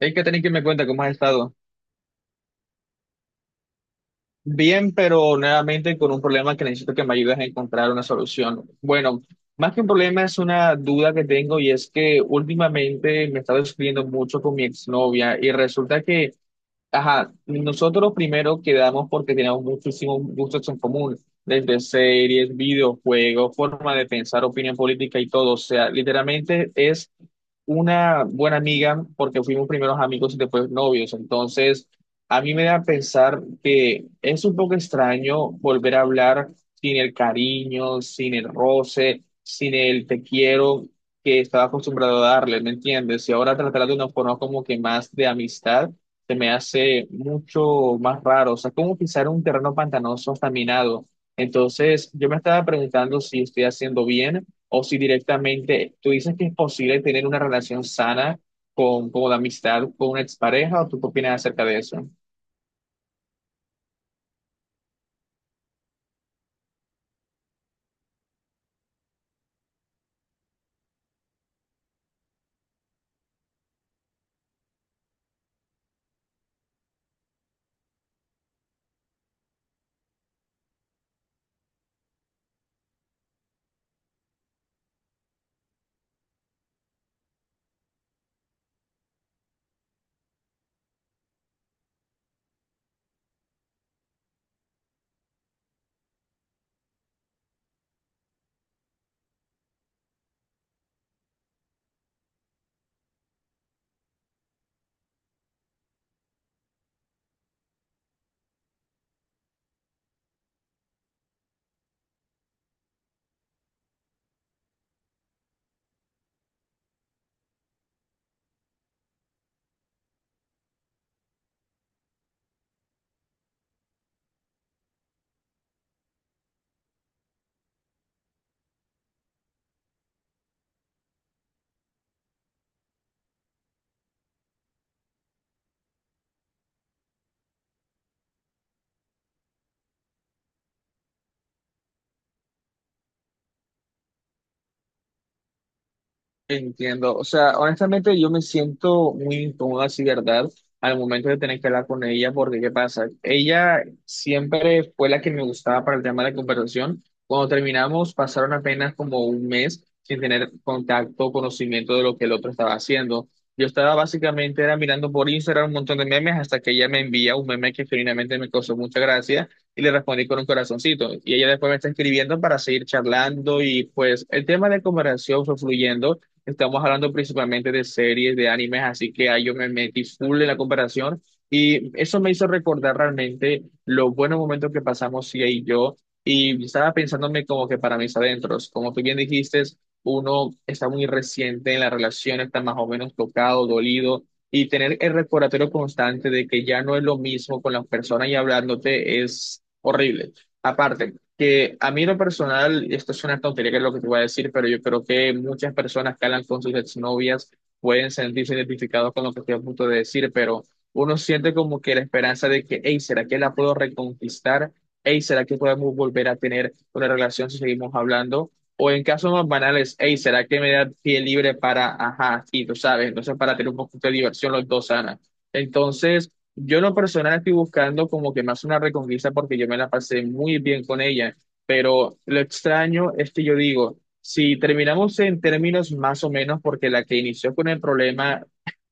Hay que tener que me cuenta cómo has estado. Bien, pero nuevamente con un problema que necesito que me ayudes a encontrar una solución. Bueno, más que un problema es una duda que tengo y es que últimamente me he estado discutiendo mucho con mi exnovia y resulta que, ajá, nosotros primero quedamos porque teníamos muchísimos gustos en común, desde series, videojuegos, forma de pensar, opinión política y todo. O sea, literalmente es una buena amiga porque fuimos primeros amigos y después novios. Entonces, a mí me da a pensar que es un poco extraño volver a hablar sin el cariño, sin el roce, sin el te quiero que estaba acostumbrado a darle, ¿me entiendes? Y ahora tratar de una forma como que más de amistad se me hace mucho más raro. O sea, como pisar un terreno pantanoso hasta minado. Entonces, yo me estaba preguntando si estoy haciendo bien o si directamente tú dices que es posible tener una relación sana con la amistad, con una expareja, o tú qué opinas acerca de eso. Entiendo, o sea, honestamente yo me siento muy incómoda, sí, ¿verdad? Al momento de tener que hablar con ella, porque ¿qué pasa? Ella siempre fue la que me gustaba para el tema de la conversación. Cuando terminamos, pasaron apenas como un mes sin tener contacto o conocimiento de lo que el otro estaba haciendo. Yo estaba básicamente era mirando por Instagram un montón de memes hasta que ella me envía un meme que finalmente me causó mucha gracia y le respondí con un corazoncito. Y ella después me está escribiendo para seguir charlando y pues el tema de conversación fue fluyendo. Estamos hablando principalmente de series, de animes, así que ahí yo me metí full en la comparación y eso me hizo recordar realmente los buenos momentos que pasamos Sia y yo y estaba pensándome como que para mis adentros, como tú bien dijiste, uno está muy reciente en la relación, está más o menos tocado, dolido y tener el recordatorio constante de que ya no es lo mismo con las personas y hablándote es horrible. Aparte, que a mí en lo personal, y esto es una tontería que es lo que te voy a decir, pero yo creo que muchas personas que hablan con sus exnovias pueden sentirse identificados con lo que estoy a punto de decir, pero uno siente como que la esperanza de que, hey, ¿será que la puedo reconquistar? Hey, ¿será que podemos volver a tener una relación si seguimos hablando? O en casos más banales, hey, ¿será que me da pie libre para, ajá, y tú sabes, entonces para tener un poquito de diversión los dos, Ana. Entonces, yo en lo personal estoy buscando como que más una reconquista porque yo me la pasé muy bien con ella, pero lo extraño es que yo digo, si terminamos en términos más o menos, porque la que inició con el problema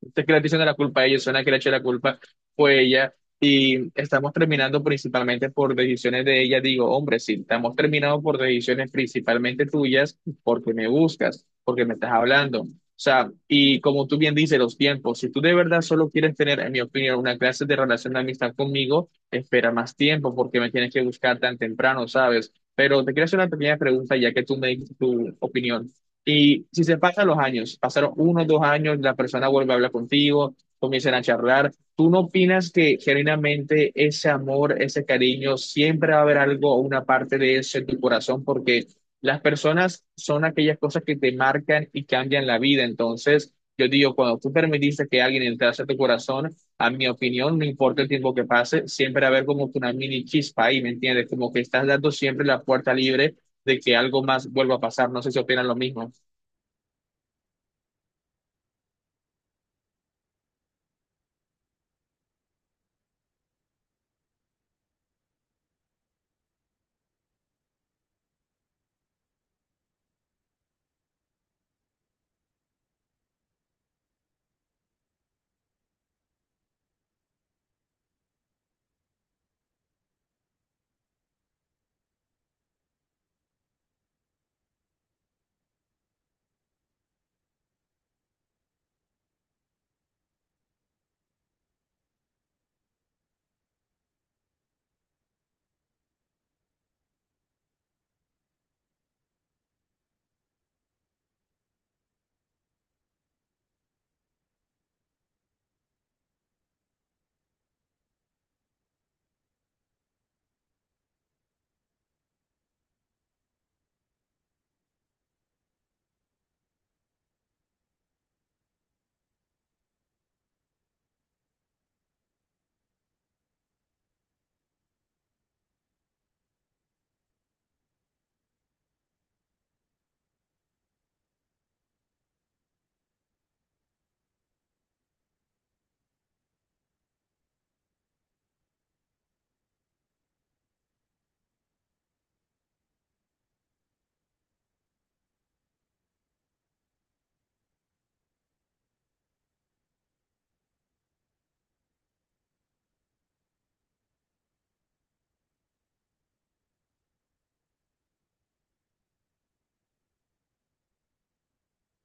entonces, que le estoy echando la culpa a ellos, suena que le eché la culpa fue ella. Y estamos terminando principalmente por decisiones de ella. Digo, hombre, sí, estamos terminando por decisiones principalmente tuyas, porque me buscas, porque me estás hablando. O sea, y como tú bien dices, los tiempos, si tú de verdad solo quieres tener, en mi opinión, una clase de relación de amistad conmigo, espera más tiempo, porque me tienes que buscar tan temprano, ¿sabes? Pero te quiero hacer una pequeña pregunta, ya que tú me dices tu opinión. Y si se pasan los años, pasaron uno, dos años, la persona vuelve a hablar contigo, comienzan a charlar. ¿Tú no opinas que genuinamente ese amor, ese cariño, siempre va a haber algo, una parte de eso en tu corazón? Porque las personas son aquellas cosas que te marcan y cambian la vida. Entonces, yo digo, cuando tú permitiste que alguien entrase a tu corazón, a mi opinión, no importa el tiempo que pase, siempre va a haber como que una mini chispa ahí, ¿me entiendes? Como que estás dando siempre la puerta libre de que algo más vuelva a pasar. No sé si opinan lo mismo.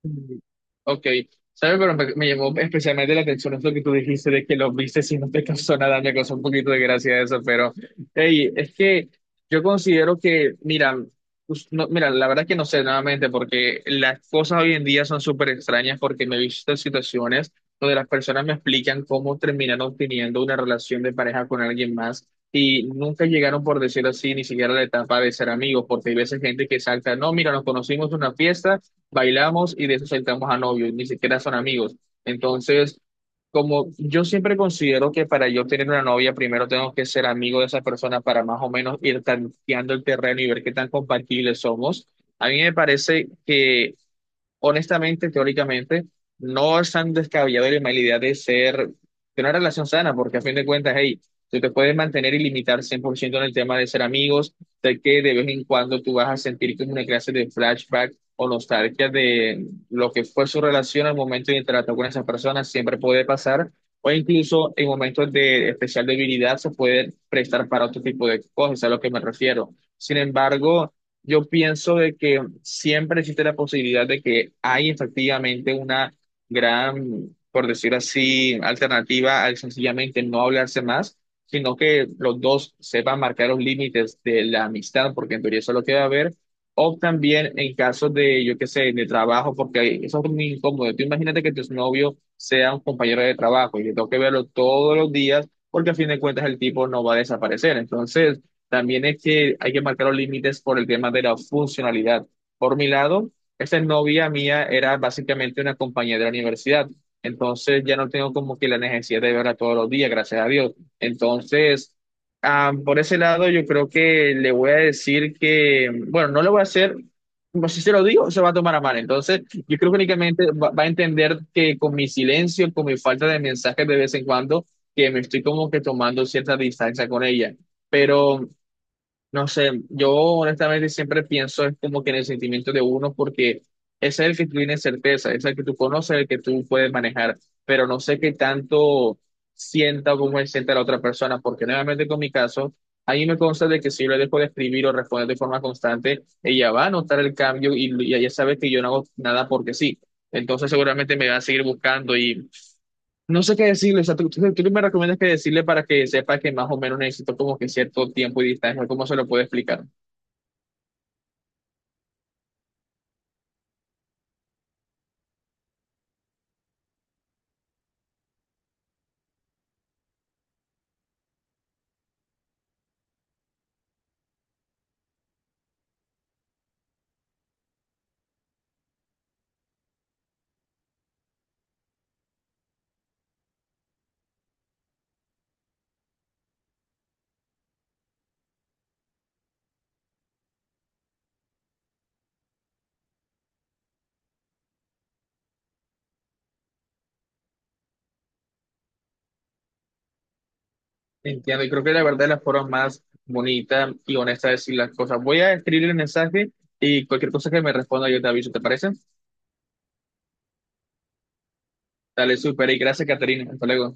Mm, ok, ¿sabes? Pero me llamó especialmente la atención es lo que tú dijiste de que lo viste si no te causó nada, me causó un poquito de gracia eso, pero hey, es que yo considero que, mira, pues, mira, la verdad que no sé nuevamente, porque las cosas hoy en día son súper extrañas porque me he visto en situaciones donde las personas me explican cómo terminaron teniendo una relación de pareja con alguien más. Y nunca llegaron, por decirlo así, ni siquiera a la etapa de ser amigos, porque hay veces gente que salta, no, mira, nos conocimos en una fiesta bailamos y de eso saltamos a novios, ni siquiera son amigos. Entonces, como yo siempre considero que para yo tener una novia, primero tengo que ser amigo de esa persona para más o menos ir tanteando el terreno y ver qué tan compatibles somos. A mí me parece que honestamente, teóricamente, no es tan descabellado la mala idea de ser, de una relación sana, porque a fin de cuentas, hey, tú te puedes mantener y limitar 100% en el tema de ser amigos, de que de vez en cuando tú vas a sentir como una clase de flashback o nostalgia de lo que fue su relación al momento de interactuar con esas personas, siempre puede pasar, o incluso en momentos de especial debilidad se puede prestar para otro tipo de cosas, a lo que me refiero. Sin embargo, yo pienso de que siempre existe la posibilidad de que hay efectivamente una gran, por decir así, alternativa al sencillamente no hablarse más, sino que los dos sepan marcar los límites de la amistad, porque en teoría eso es lo que va a haber, o también en casos de, yo qué sé, de trabajo, porque eso es muy incómodo. Tú imagínate que tu novio sea un compañero de trabajo y que tengo que verlo todos los días, porque a fin de cuentas el tipo no va a desaparecer. Entonces... También es que hay que marcar los límites por el tema de la funcionalidad. Por mi lado, esta novia mía era básicamente una compañera de la universidad. Entonces ya no tengo como que la necesidad de verla todos los días, gracias a Dios. Entonces, ah, por ese lado, yo creo que le voy a decir que, bueno, no lo voy a hacer, como si se lo digo, se va a tomar a mal. Entonces, yo creo que únicamente va a entender que con mi silencio, con mi falta de mensajes de vez en cuando, que me estoy como que tomando cierta distancia con ella. Pero no sé, yo honestamente siempre pienso es como que en el sentimiento de uno, porque ese es el que tú tienes certeza, es el que tú conoces, el que tú puedes manejar, pero no sé qué tanto sienta o cómo sienta la otra persona, porque nuevamente con mi caso, a mí me consta de que si yo le dejo de escribir o responder de forma constante, ella va a notar el cambio y ella sabe que yo no hago nada porque sí. Entonces seguramente me va a seguir buscando y no sé qué decirle, o sea, tú me recomiendas que decirle para que sepa que más o menos necesito como que cierto tiempo y distancia, ¿no? ¿Cómo se lo puedo explicar? Entiendo, y creo que la verdad es la forma más bonita y honesta de decir las cosas. Voy a escribir el mensaje y cualquier cosa que me responda yo te aviso, ¿te parece? Dale, súper, y gracias, Caterina, hasta luego.